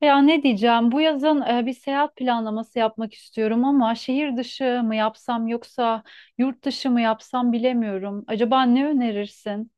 Ya ne diyeceğim? Bu yazın bir seyahat planlaması yapmak istiyorum ama şehir dışı mı yapsam yoksa yurt dışı mı yapsam bilemiyorum. Acaba ne önerirsin?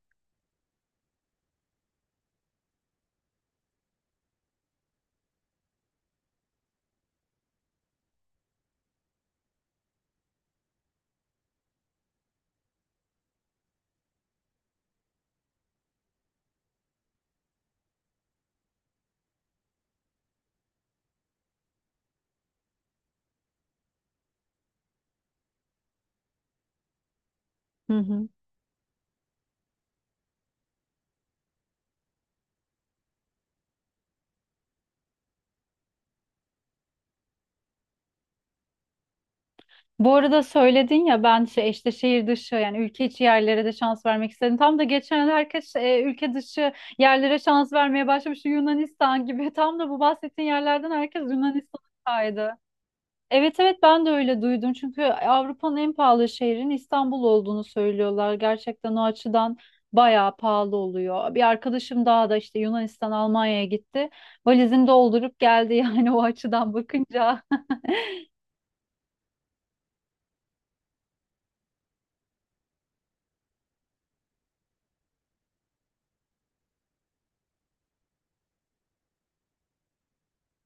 Hı hı. Bu arada söyledin ya ben şey işte şehir dışı yani ülke içi yerlere de şans vermek istedim. Tam da geçen herkes ülke dışı yerlere şans vermeye başlamış Yunanistan gibi. Tam da bu bahsettiğin yerlerden herkes Yunanistan'a kaydı. Evet, evet, ben de öyle duydum. Çünkü Avrupa'nın en pahalı şehrin İstanbul olduğunu söylüyorlar. Gerçekten o açıdan bayağı pahalı oluyor. Bir arkadaşım daha da işte Yunanistan, Almanya'ya gitti. Valizini doldurup geldi yani o açıdan bakınca.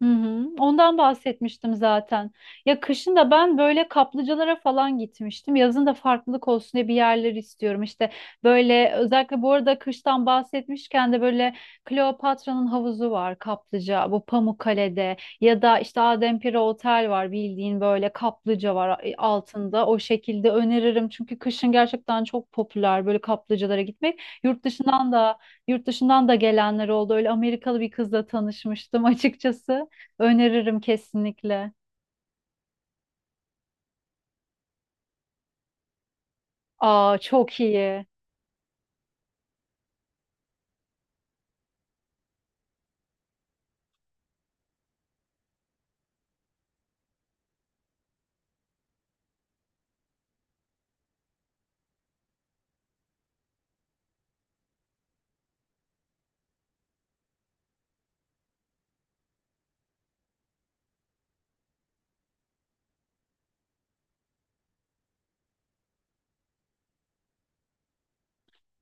Hı hı. Ondan bahsetmiştim zaten. Ya kışın da ben böyle kaplıcalara falan gitmiştim. Yazın da farklılık olsun diye bir yerler istiyorum. İşte böyle özellikle bu arada kıştan bahsetmişken de böyle Kleopatra'nın havuzu var kaplıca. Bu Pamukkale'de ya da işte Adempire Otel var bildiğin böyle kaplıca var altında. O şekilde öneririm çünkü kışın gerçekten çok popüler böyle kaplıcalara gitmek. Yurt dışından da gelenler oldu. Öyle Amerikalı bir kızla tanışmıştım açıkçası. Öneririm kesinlikle. Aa çok iyi.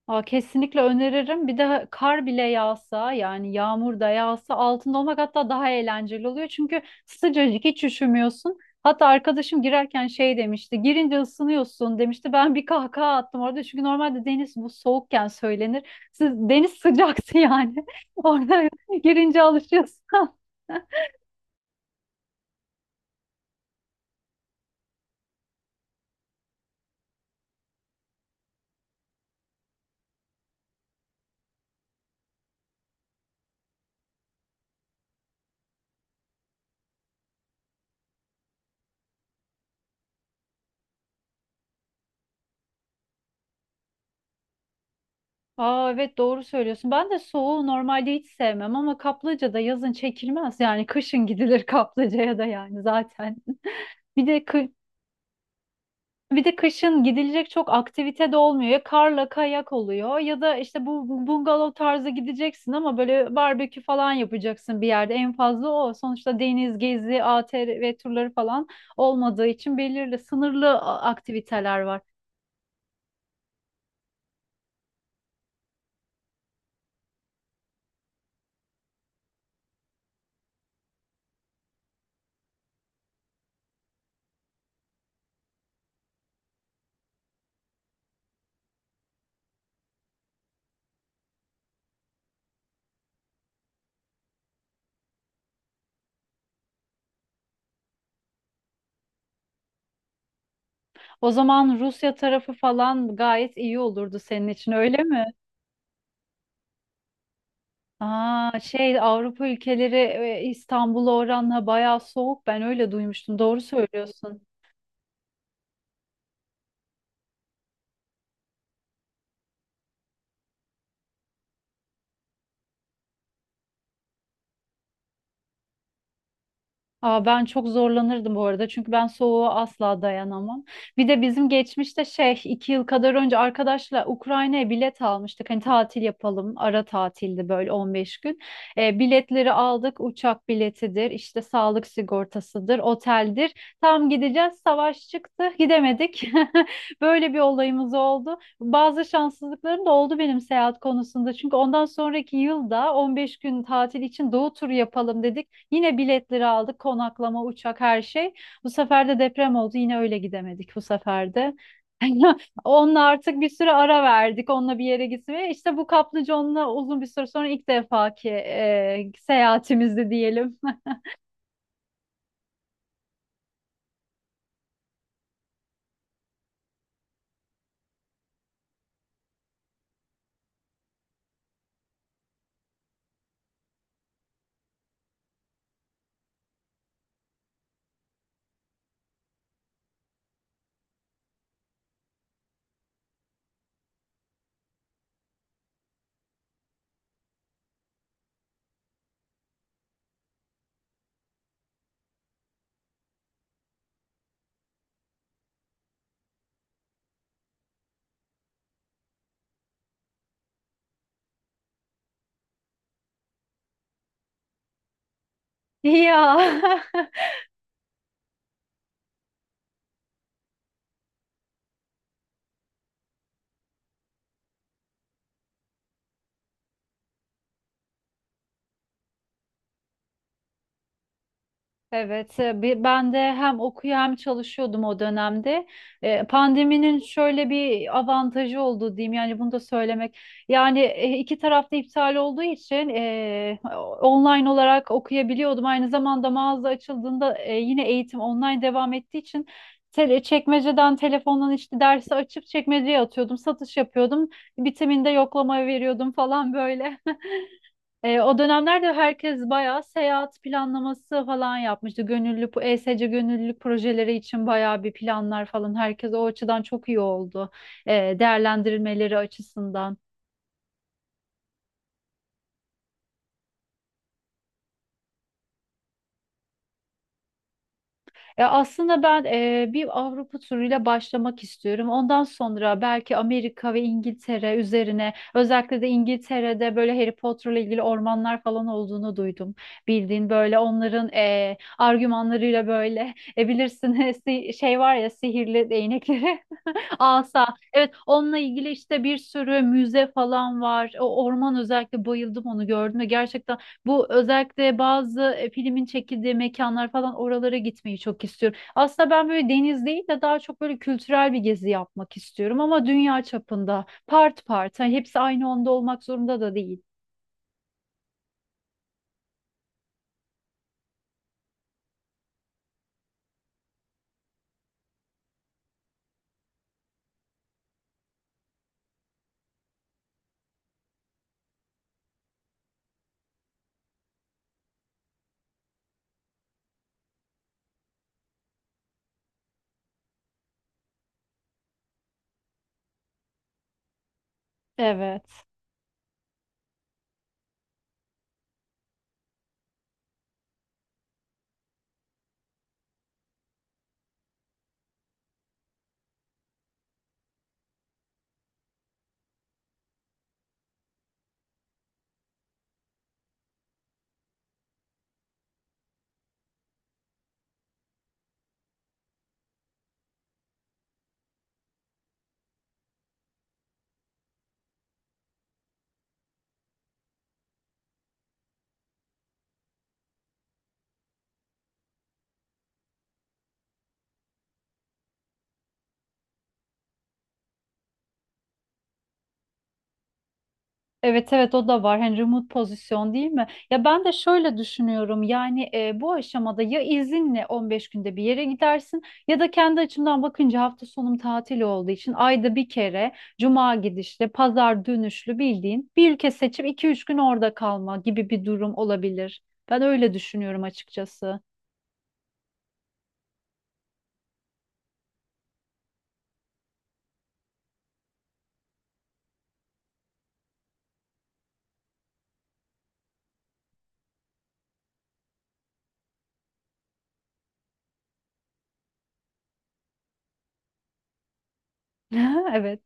Aa kesinlikle öneririm. Bir de kar bile yağsa yani yağmur da yağsa altında olmak hatta daha eğlenceli oluyor. Çünkü sıcacık hiç üşümüyorsun. Hatta arkadaşım girerken şey demişti. Girince ısınıyorsun demişti. Ben bir kahkaha attım orada. Çünkü normalde deniz bu soğukken söylenir. Siz, deniz sıcaktı yani. Orada girince alışıyorsun. Aa evet doğru söylüyorsun. Ben de soğuğu normalde hiç sevmem ama kaplıca da yazın çekilmez. Yani kışın gidilir kaplıcaya da yani zaten. Bir de kı- Bir de kışın gidilecek çok aktivite de olmuyor. Ya karla kayak oluyor ya da işte bu bungalov tarzı gideceksin ama böyle barbekü falan yapacaksın bir yerde. En fazla o. Sonuçta deniz gezi, ATV ve turları falan olmadığı için belirli sınırlı aktiviteler var. O zaman Rusya tarafı falan gayet iyi olurdu senin için öyle mi? Aa, şey Avrupa ülkeleri İstanbul'a oranla bayağı soğuk. Ben öyle duymuştum. Doğru söylüyorsun. Aa, ben çok zorlanırdım bu arada çünkü ben soğuğa asla dayanamam. Bir de bizim geçmişte şey iki yıl kadar önce arkadaşla Ukrayna'ya bilet almıştık. Hani tatil yapalım, ara tatildi böyle 15 gün. Biletleri aldık, uçak biletidir işte, sağlık sigortasıdır, oteldir. Tam gideceğiz savaş çıktı, gidemedik. Böyle bir olayımız oldu. Bazı şanssızlıklarım da oldu benim seyahat konusunda. Çünkü ondan sonraki yılda 15 gün tatil için doğu turu yapalım dedik. Yine biletleri aldık, konaklama, uçak, her şey. Bu sefer de deprem oldu. Yine öyle gidemedik bu sefer de. Onunla artık bir süre ara verdik. Onunla bir yere gitmeye. İşte bu kaplıconla uzun bir süre sonra ilk defaki seyahatimizdi diyelim. Ya. Evet, ben de hem okuyor hem çalışıyordum o dönemde. Pandeminin şöyle bir avantajı oldu diyeyim, yani bunu da söylemek. Yani iki tarafta iptal olduğu için online olarak okuyabiliyordum. Aynı zamanda mağaza açıldığında yine eğitim online devam ettiği için çekmeceden telefondan işte dersi açıp çekmeceye atıyordum, satış yapıyordum. Bitiminde yoklama veriyordum falan böyle. O dönemlerde herkes bayağı seyahat planlaması falan yapmıştı. Gönüllü, bu ESC gönüllülük projeleri için bayağı bir planlar falan. Herkes o açıdan çok iyi oldu. Değerlendirilmeleri açısından. Ya aslında ben bir Avrupa turuyla başlamak istiyorum. Ondan sonra belki Amerika ve İngiltere üzerine, özellikle de İngiltere'de böyle Harry Potter'la ilgili ormanlar falan olduğunu duydum. Bildiğin böyle onların argümanlarıyla böyle bilirsin şey var ya, sihirli değnekleri. Asa. Evet, onunla ilgili işte bir sürü müze falan var. O orman özellikle bayıldım onu gördüm ve gerçekten bu özellikle bazı filmin çekildiği mekanlar falan, oralara gitmeyi çok istiyorum. Aslında ben böyle deniz değil de daha çok böyle kültürel bir gezi yapmak istiyorum ama dünya çapında part part. Hani hepsi aynı onda olmak zorunda da değil. Evet. Evet, evet, o da var. Hani remote pozisyon değil mi? Ya ben de şöyle düşünüyorum. Yani bu aşamada ya izinle 15 günde bir yere gidersin ya da kendi açımdan bakınca hafta sonum tatil olduğu için ayda bir kere cuma gidişli, pazar dönüşlü bildiğin bir ülke seçip iki üç gün orada kalma gibi bir durum olabilir. Ben öyle düşünüyorum açıkçası. Evet.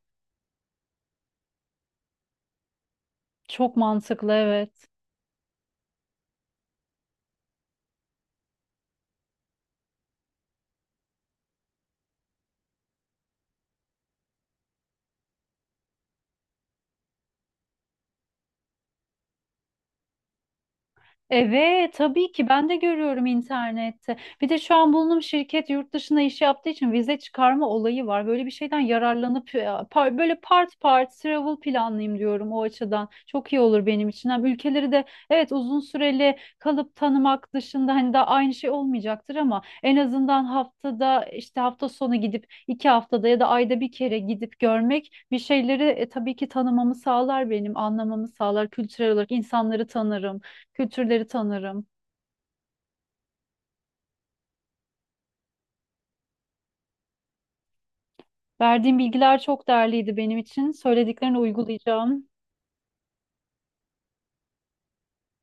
Çok mantıklı, evet. Evet, tabii ki ben de görüyorum internette. Bir de şu an bulunduğum şirket yurt dışına iş yaptığı için vize çıkarma olayı var. Böyle bir şeyden yararlanıp böyle part part travel planlayayım diyorum o açıdan. Çok iyi olur benim için. Hem ülkeleri de evet uzun süreli kalıp tanımak dışında hani daha aynı şey olmayacaktır ama en azından haftada işte hafta sonu gidip iki haftada ya da ayda bir kere gidip görmek bir şeyleri tabii ki tanımamı sağlar benim, anlamamı sağlar. Kültürel olarak insanları tanırım, kültürleri tanırım. Verdiğin bilgiler çok değerliydi benim için. Söylediklerini uygulayacağım.